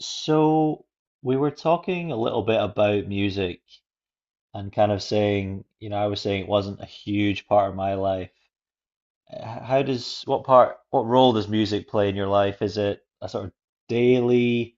So we were talking a little bit about music and kind of saying, I was saying it wasn't a huge part of my life. How does, what part, what role does music play in your life? Is it a sort of daily,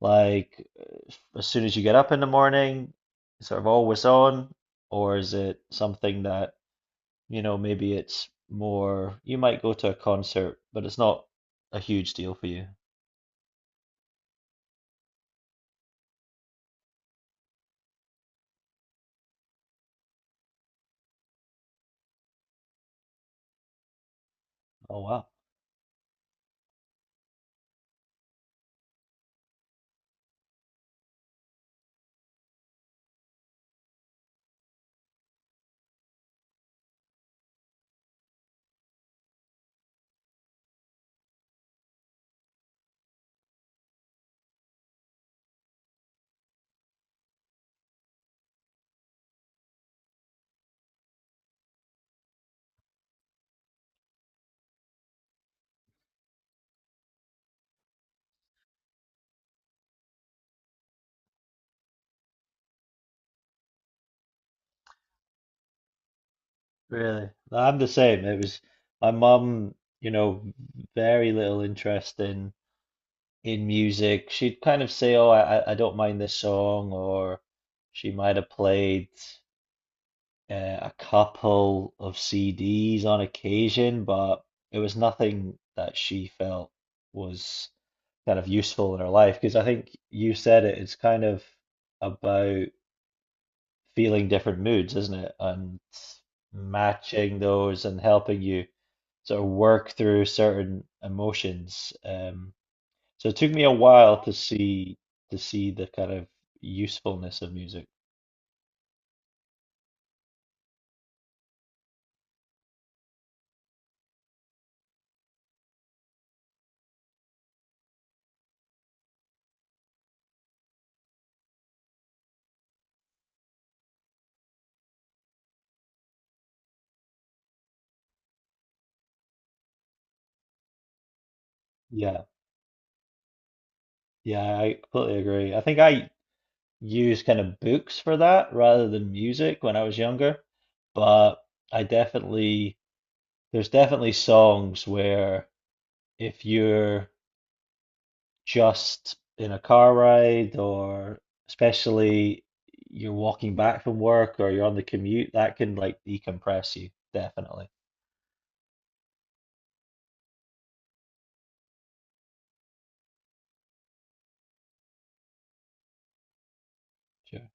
like uh, as soon as you get up in the morning, sort of always on? Or is it something that, maybe it's more, you might go to a concert, but it's not a huge deal for you? Oh, wow. Really? Well, I'm the same. It was my mum, you know, very little interest in music. She'd kind of say, "Oh, I don't mind this song," or she might have played uh, a couple of CDs on occasion, but it was nothing that she felt was kind of useful in her life. Because I think you said it, it's kind of about feeling different moods, isn't it? And matching those and helping you sort of work through certain emotions. So it took me a while to see the kind of usefulness of music. Yeah, yeah, I completely agree. I think I used kind of books for that rather than music when I was younger, but I definitely there's definitely songs where if you're just in a car ride or especially you're walking back from work or you're on the commute, that can like decompress you, definitely. Sure.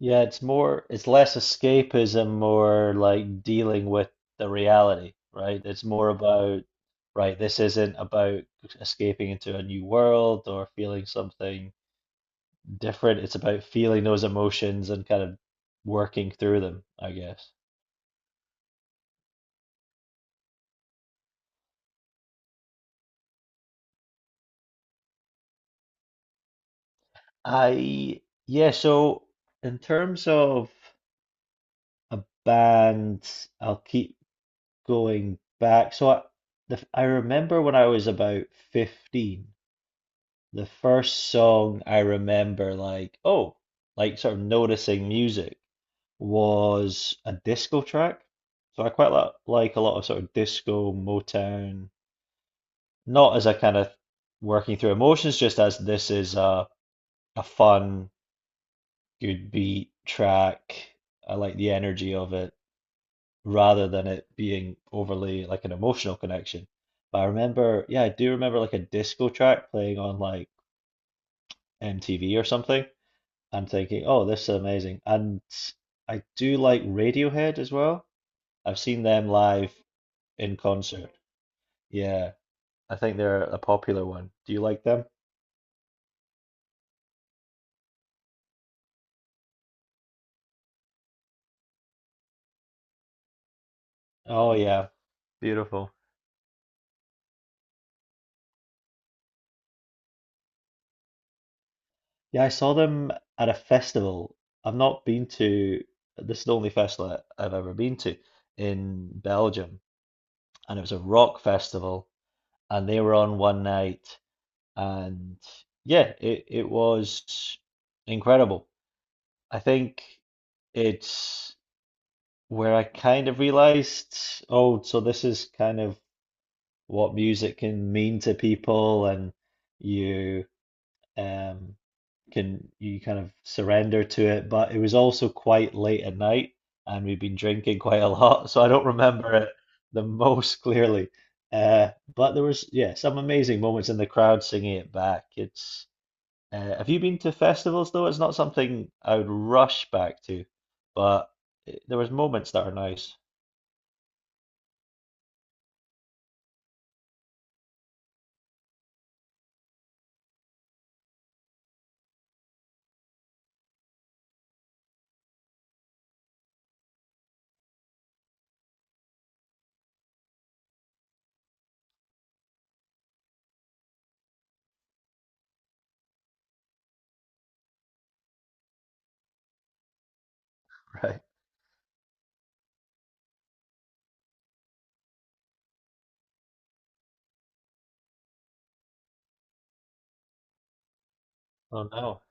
Yeah, it's more, it's less escapism, more like dealing with the reality, right? It's more about, right, this isn't about escaping into a new world or feeling something different. It's about feeling those emotions and kind of working through them, I guess. I yeah, so in terms of a band, I'll keep going back. I remember when I was about 15, the first song I remember like, oh, like sort of noticing music was a disco track. So I quite like a lot of sort of disco, Motown, not as a kind of working through emotions, just as this is a fun good beat track. I like the energy of it rather than it being overly like an emotional connection. But I remember, yeah, I do remember like a disco track playing on like MTV or something. I'm thinking, oh, this is amazing. And I do like Radiohead as well. I've seen them live in concert. Yeah, I think they're a popular one. Do you like them? Oh, yeah, beautiful. Yeah, I saw them at a festival. I've not been to, this is the only festival I've ever been to in Belgium. And it was a rock festival, and they were on one night. And yeah, it was incredible. I think it's where I kind of realized, oh, so this is kind of what music can mean to people, and you, um, can you kind of surrender to it. But it was also quite late at night, and we have been drinking quite a lot, so I don't remember it the most clearly. Uh, but there was yeah some amazing moments in the crowd singing it back. It's have you been to festivals though? It's not something I would rush back to, but there was moments that are nice. Right. Oh no,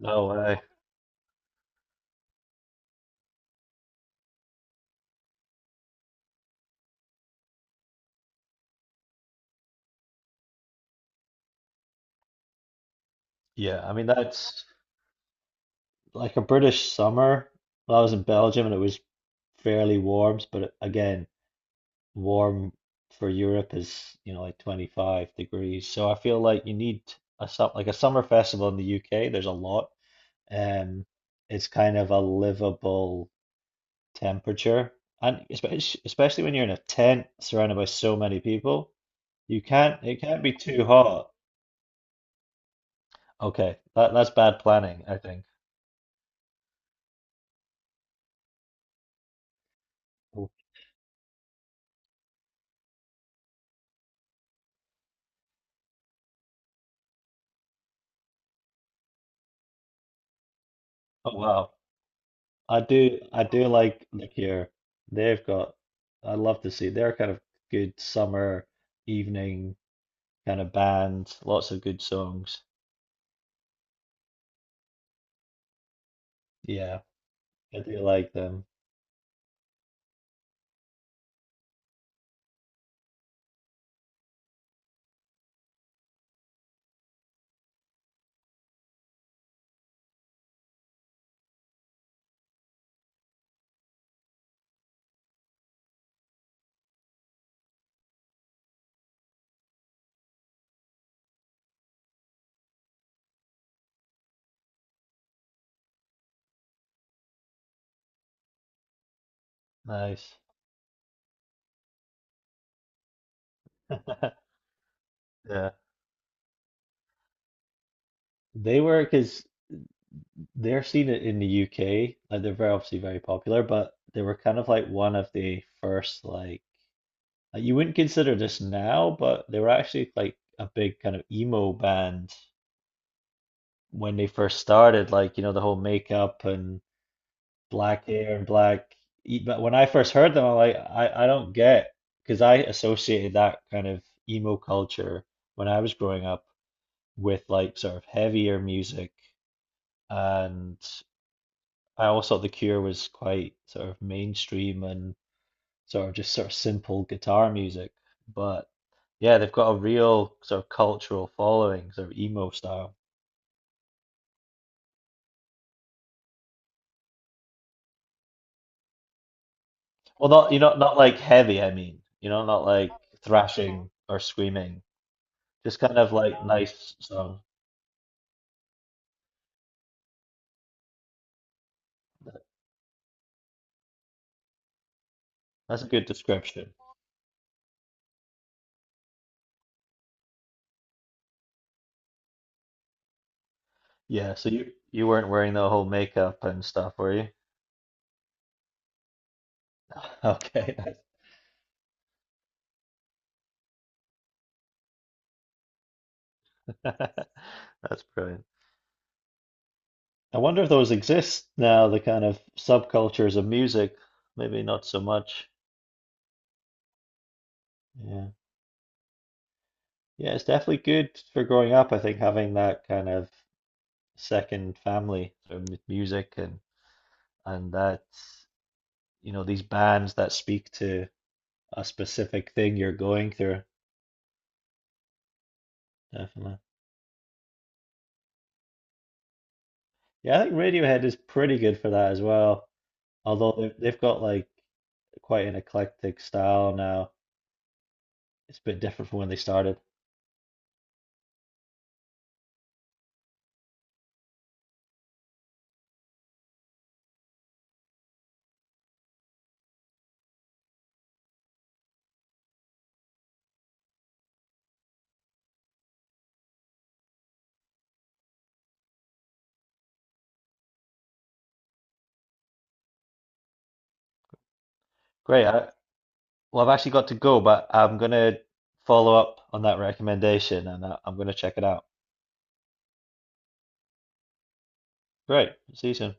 no way. Yeah, I mean that's like a British summer. Well, I was in Belgium and it was fairly warm, but again, warm for Europe is, you know, like 25 degrees. So I feel like you need a some like a summer festival in the UK, there's a lot. Um, it's kind of a livable temperature. And especially when you're in a tent surrounded by so many people, you can't it can't be too hot. Okay, that's bad planning, I think. Oh oh, wow. I do like look here. They've got I love to see their kind of good summer evening kind of band, lots of good songs. Yeah, I do like them. Nice. Yeah. They were because they're seen it in the UK. Like they're very obviously very popular, but they were kind of like one of the first you wouldn't consider this now, but they were actually like a big kind of emo band when they first started. Like you know the whole makeup and black hair and black. But when I first heard them, I'm like, I don't get, because I associated that kind of emo culture when I was growing up with like sort of heavier music, and I always thought The Cure was quite sort of mainstream and sort of just sort of simple guitar music. But yeah, they've got a real sort of cultural following, sort of emo style. Well, not you know, not like heavy, I mean, you know, not like thrashing or screaming. Just kind of like nice song. That's a good description. Yeah, so you weren't wearing the whole makeup and stuff, were you? Okay. That's brilliant. I wonder if those exist now, the kind of subcultures of music. Maybe not so much. Yeah. Yeah, it's definitely good for growing up, I think, having that kind of second family with music and that, you know, these bands that speak to a specific thing you're going through. Definitely. Yeah, I think Radiohead is pretty good for that as well. Although they've got like quite an eclectic style now. It's a bit different from when they started. Great. Well, I've actually got to go, but I'm gonna follow up on that recommendation and I'm gonna check it out. Great. See you soon.